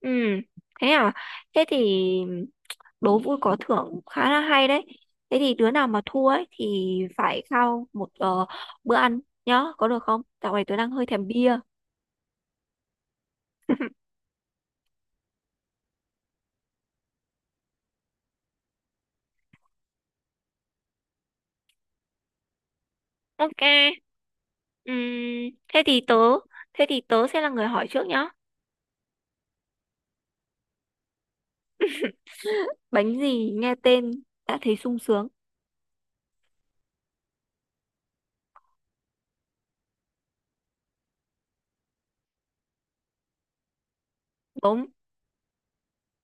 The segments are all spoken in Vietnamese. Ừ, thế à? Thế thì đố vui có thưởng khá là hay đấy. Thế thì đứa nào mà thua ấy thì phải khao một bữa ăn nhá, có được không? Dạo này tớ đang hơi thèm bia. Ok. Ừm, thế thì tớ, thế thì tớ sẽ là người hỏi trước nhá. Bánh gì nghe tên đã thấy sung sướng? Đúng,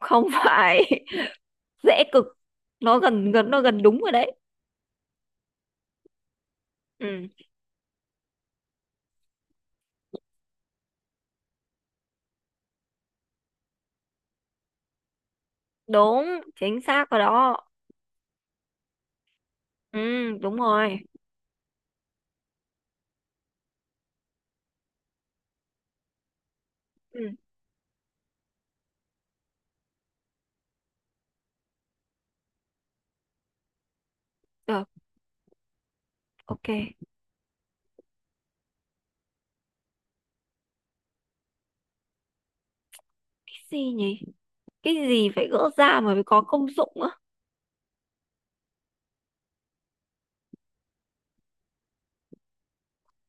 không phải. Dễ cực. Nó gần gần nó gần đúng rồi đấy. Ừ, đúng, chính xác rồi đó. Ừ, đúng rồi. Ừ, được, ok. Cái gì nhỉ? Cái gì phải gỡ ra mà mới có công dụng á?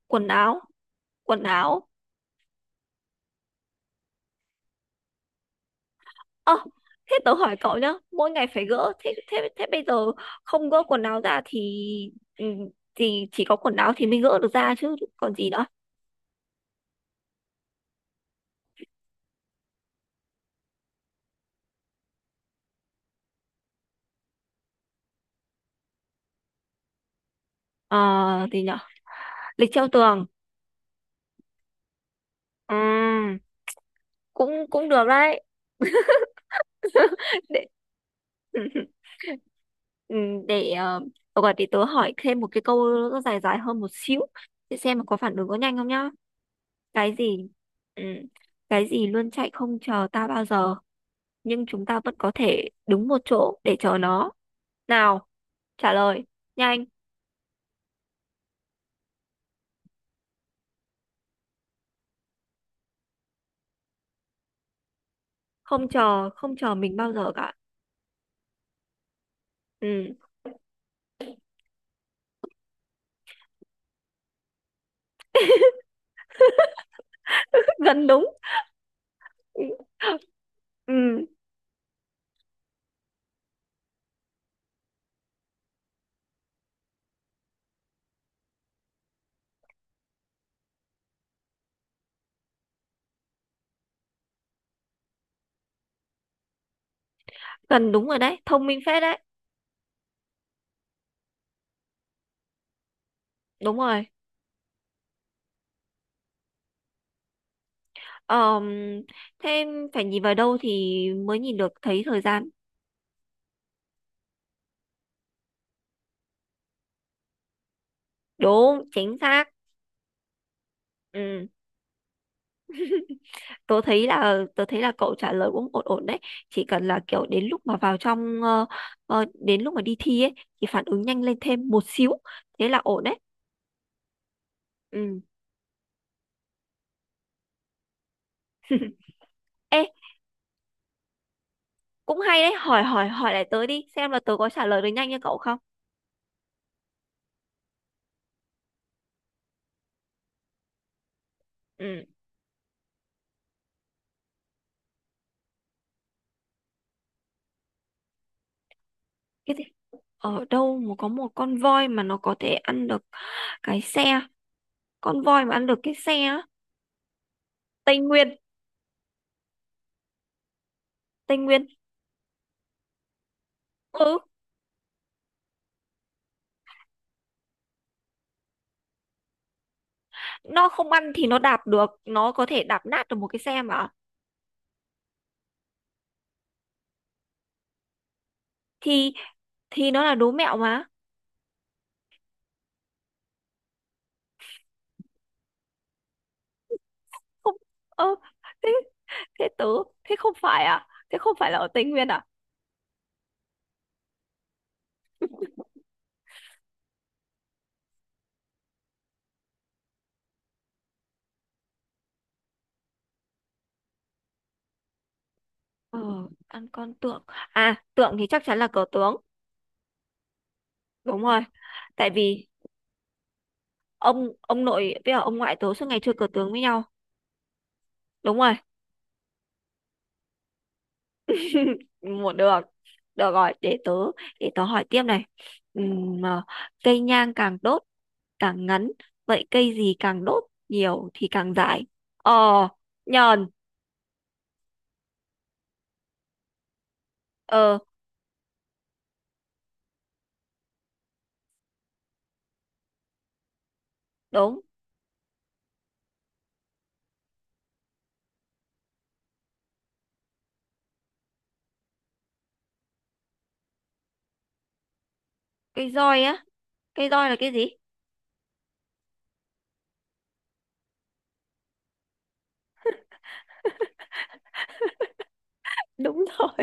Quần áo quần áo Ơ thế tớ hỏi cậu nhá, mỗi ngày phải gỡ, thế thế thế bây giờ không gỡ quần áo ra thì, ừ, thì chỉ có quần áo thì mới gỡ được ra chứ còn gì nữa? Ờ thì nhở, lịch treo tường. Ừ, cũng cũng được đấy. Để ừ, để gọi để tớ hỏi thêm một cái câu, nó dài dài hơn một xíu, để xem mà có phản ứng có nhanh không nhá. Cái gì, ừ, cái gì luôn chạy không chờ ta bao giờ, nhưng chúng ta vẫn có thể đứng một chỗ để chờ nó nào, trả lời nhanh. Không chờ, không chờ mình bao giờ cả. Ừ, gần đúng. Ừ, ừ, gần đúng rồi đấy, thông minh phết đấy. Đúng rồi. Ờm, Thế phải nhìn vào đâu thì mới nhìn được thấy thời gian? Đúng chính xác. Ừ. Tớ thấy là, tớ thấy là cậu trả lời cũng ổn ổn đấy, chỉ cần là kiểu đến lúc mà vào trong đến lúc mà đi thi ấy thì phản ứng nhanh lên thêm một xíu, thế là ổn đấy. Ừ. Ê, cũng hay đấy, hỏi hỏi hỏi lại tớ đi xem là tớ có trả lời được nhanh như cậu không. Ừ, cái gì, ở đâu mà có một con voi mà nó có thể ăn được cái xe? Con voi mà ăn được cái xe á? Tây Nguyên. Tây Nguyên. Ừ, nó không ăn thì nó đạp được, nó có thể đạp nát được một cái xe mà. Thì thì nó là đố mẹo mà. Không, ơ, thế thế tớ thế không phải à, thế không phải là ở Tây Nguyên à? Ờ, ăn con tượng, à tượng thì chắc chắn là cờ tướng. Đúng rồi. Tại vì ông nội với cả ông ngoại tớ suốt ngày chơi cờ tướng với nhau. Đúng rồi. Một được, được rồi, để tớ, để tớ hỏi tiếp này. À, cây nhang càng đốt càng ngắn, vậy cây gì càng đốt nhiều thì càng dài? Ờ nhờn. Ờ đúng. Cây roi á? Cây roi là cái gì? Đúng rồi,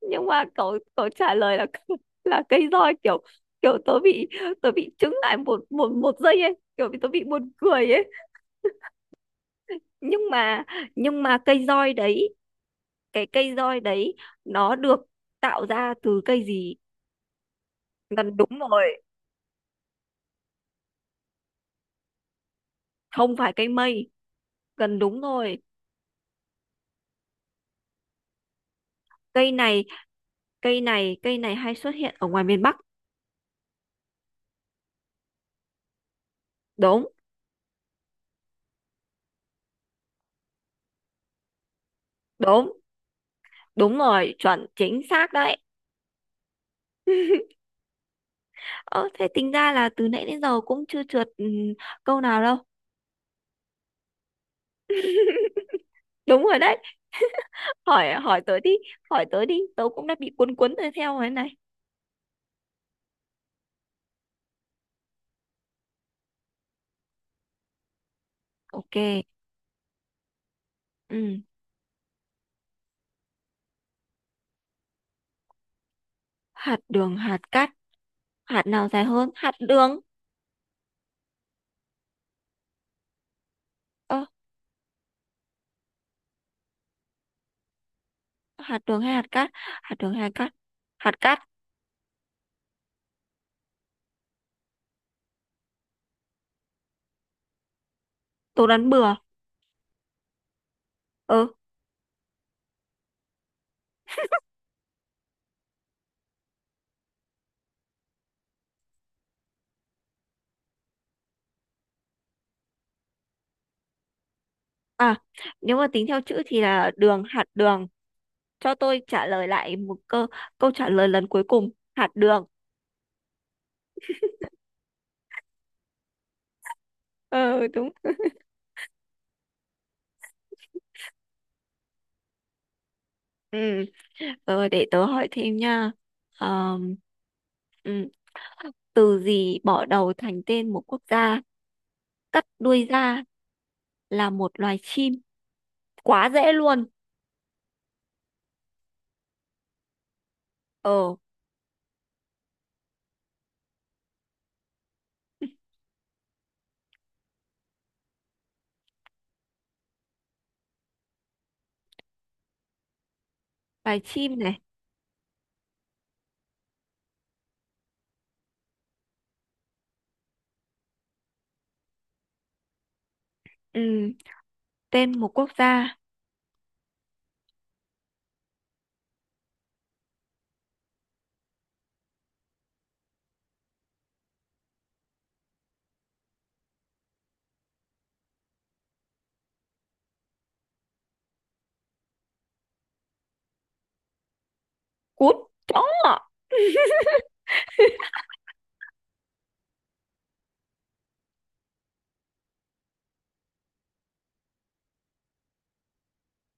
nhưng mà cậu cậu trả lời là là cây roi, kiểu kiểu tớ bị, tớ bị chững lại một một một giây ấy, kiểu bị, tớ bị buồn cười ấy. Nhưng mà, nhưng mà cây roi đấy, cái cây roi đấy nó được tạo ra từ cây gì? Gần đúng rồi. Không phải cây mây. Gần đúng rồi. Cây này cây này cây này hay xuất hiện ở ngoài miền Bắc. Đúng. Đúng đúng rồi, chuẩn, chính xác đấy. Ờ, thế tính ra là từ nãy đến giờ cũng chưa trượt, ừ, câu nào đâu. Đúng rồi đấy. Hỏi hỏi tớ đi, hỏi tớ đi, tớ cũng đã bị cuốn cuốn rồi theo thế này. Ok. Ừ, hạt đường hạt cát, hạt nào dài hơn hạt đường? Ờ, hạt đường hay hạt cát, hạt đường hay hạt cát, hạt cát. Tớ đoán bừa. Ờ à, nếu mà tính theo chữ thì là đường, hạt đường. Cho tôi trả lời lại một câu, câu trả lời lần cuối cùng: hạt đường. Ờ đúng. Ừ. Ờ, để tớ hỏi thêm nha. Ờm, ừ. Từ gì bỏ đầu thành tên một quốc gia, cắt đuôi ra là một loài chim? Quá dễ luôn. Ờ, loài chim này. Ừ. Tên một quốc gia. Cút. Chó.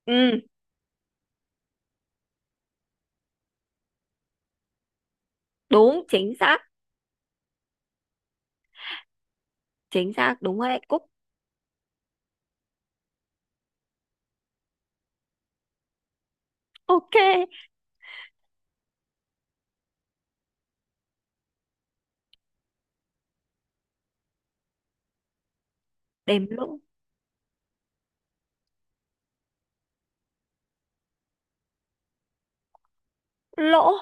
Ừ. Đúng chính xác. Chính xác đúng rồi đấy, cúc. Ok. Đếm lỗ. Lỗ.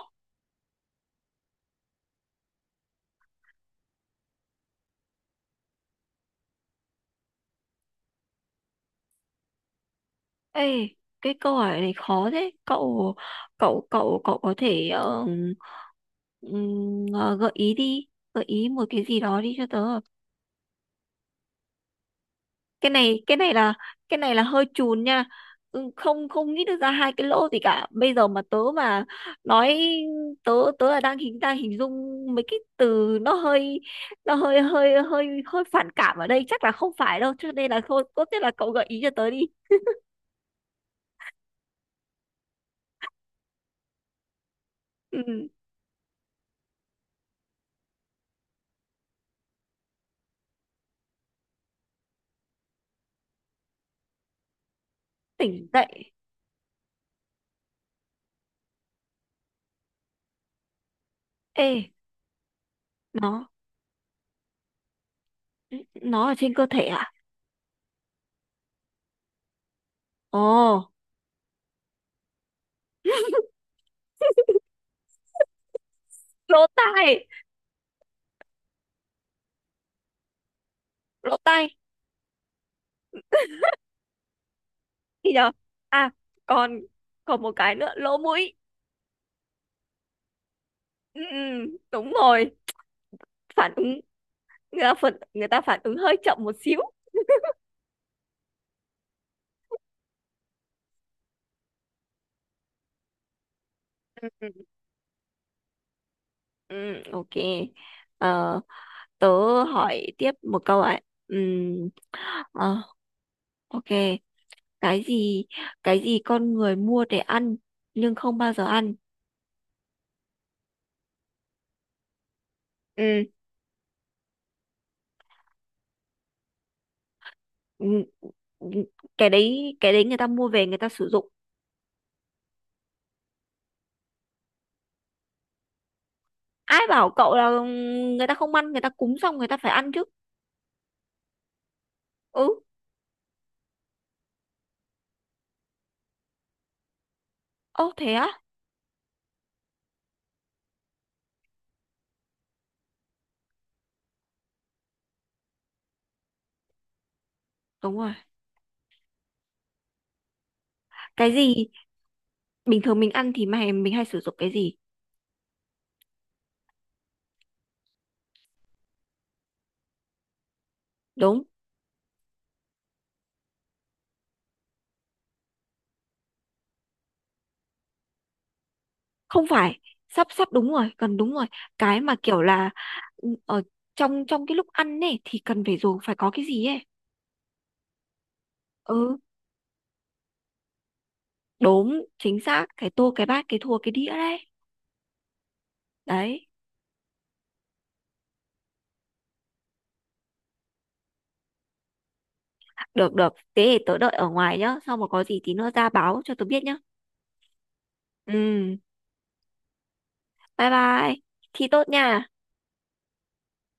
Ê, cái câu hỏi này khó thế cậu, cậu có thể ờ, gợi ý đi, gợi ý một cái gì đó đi cho tớ. Cái này cái này là hơi chùn nha. Ừ, không, không nghĩ được ra hai cái lỗ gì cả bây giờ mà tớ mà nói. Tớ, tớ là đang hình, đang hình dung mấy cái từ nó hơi, nó hơi hơi hơi hơi phản cảm ở đây, chắc là không phải đâu cho nên là thôi tốt nhất là cậu gợi ý cho tớ đi. Ừ, tỉnh dậy. Ê, nó nó ở trên cơ thể à? Ồ, lỗ tai. Lỗ tai. Thì nhờ à, còn, còn một cái nữa, lỗ mũi. Ừ, ừ, đúng rồi. Phản ứng, người ta phản ứng hơi chậm một xíu. Ừ, ừ. Ừ, ok. Ờ, tớ hỏi tiếp một câu ạ. Ừm, ờ, ok. Cái gì, cái gì con người mua để ăn nhưng không bao giờ ăn? Ừm, ừm, ừm, cái đấy, cái đấy người ta mua về người ta sử dụng. Ai bảo cậu là người ta không ăn, người ta cúng xong người ta phải ăn chứ. Ừ. Ô thế á. Đúng rồi. Cái gì, bình thường mình ăn thì mà mình hay sử dụng cái gì? Đúng. Không phải, sắp, sắp đúng rồi, cần đúng rồi. Cái mà kiểu là, ừ, ở trong trong cái lúc ăn ấy thì cần phải dùng, phải có cái gì ấy. Ừ, đúng chính xác, cái tô, cái bát, cái thua, cái đĩa đấy. Đấy, được được, thế thì tớ đợi ở ngoài nhá, xong mà có gì tí nữa ra báo cho tớ biết nhá. Ừ. Bye bye. Thi tốt nha.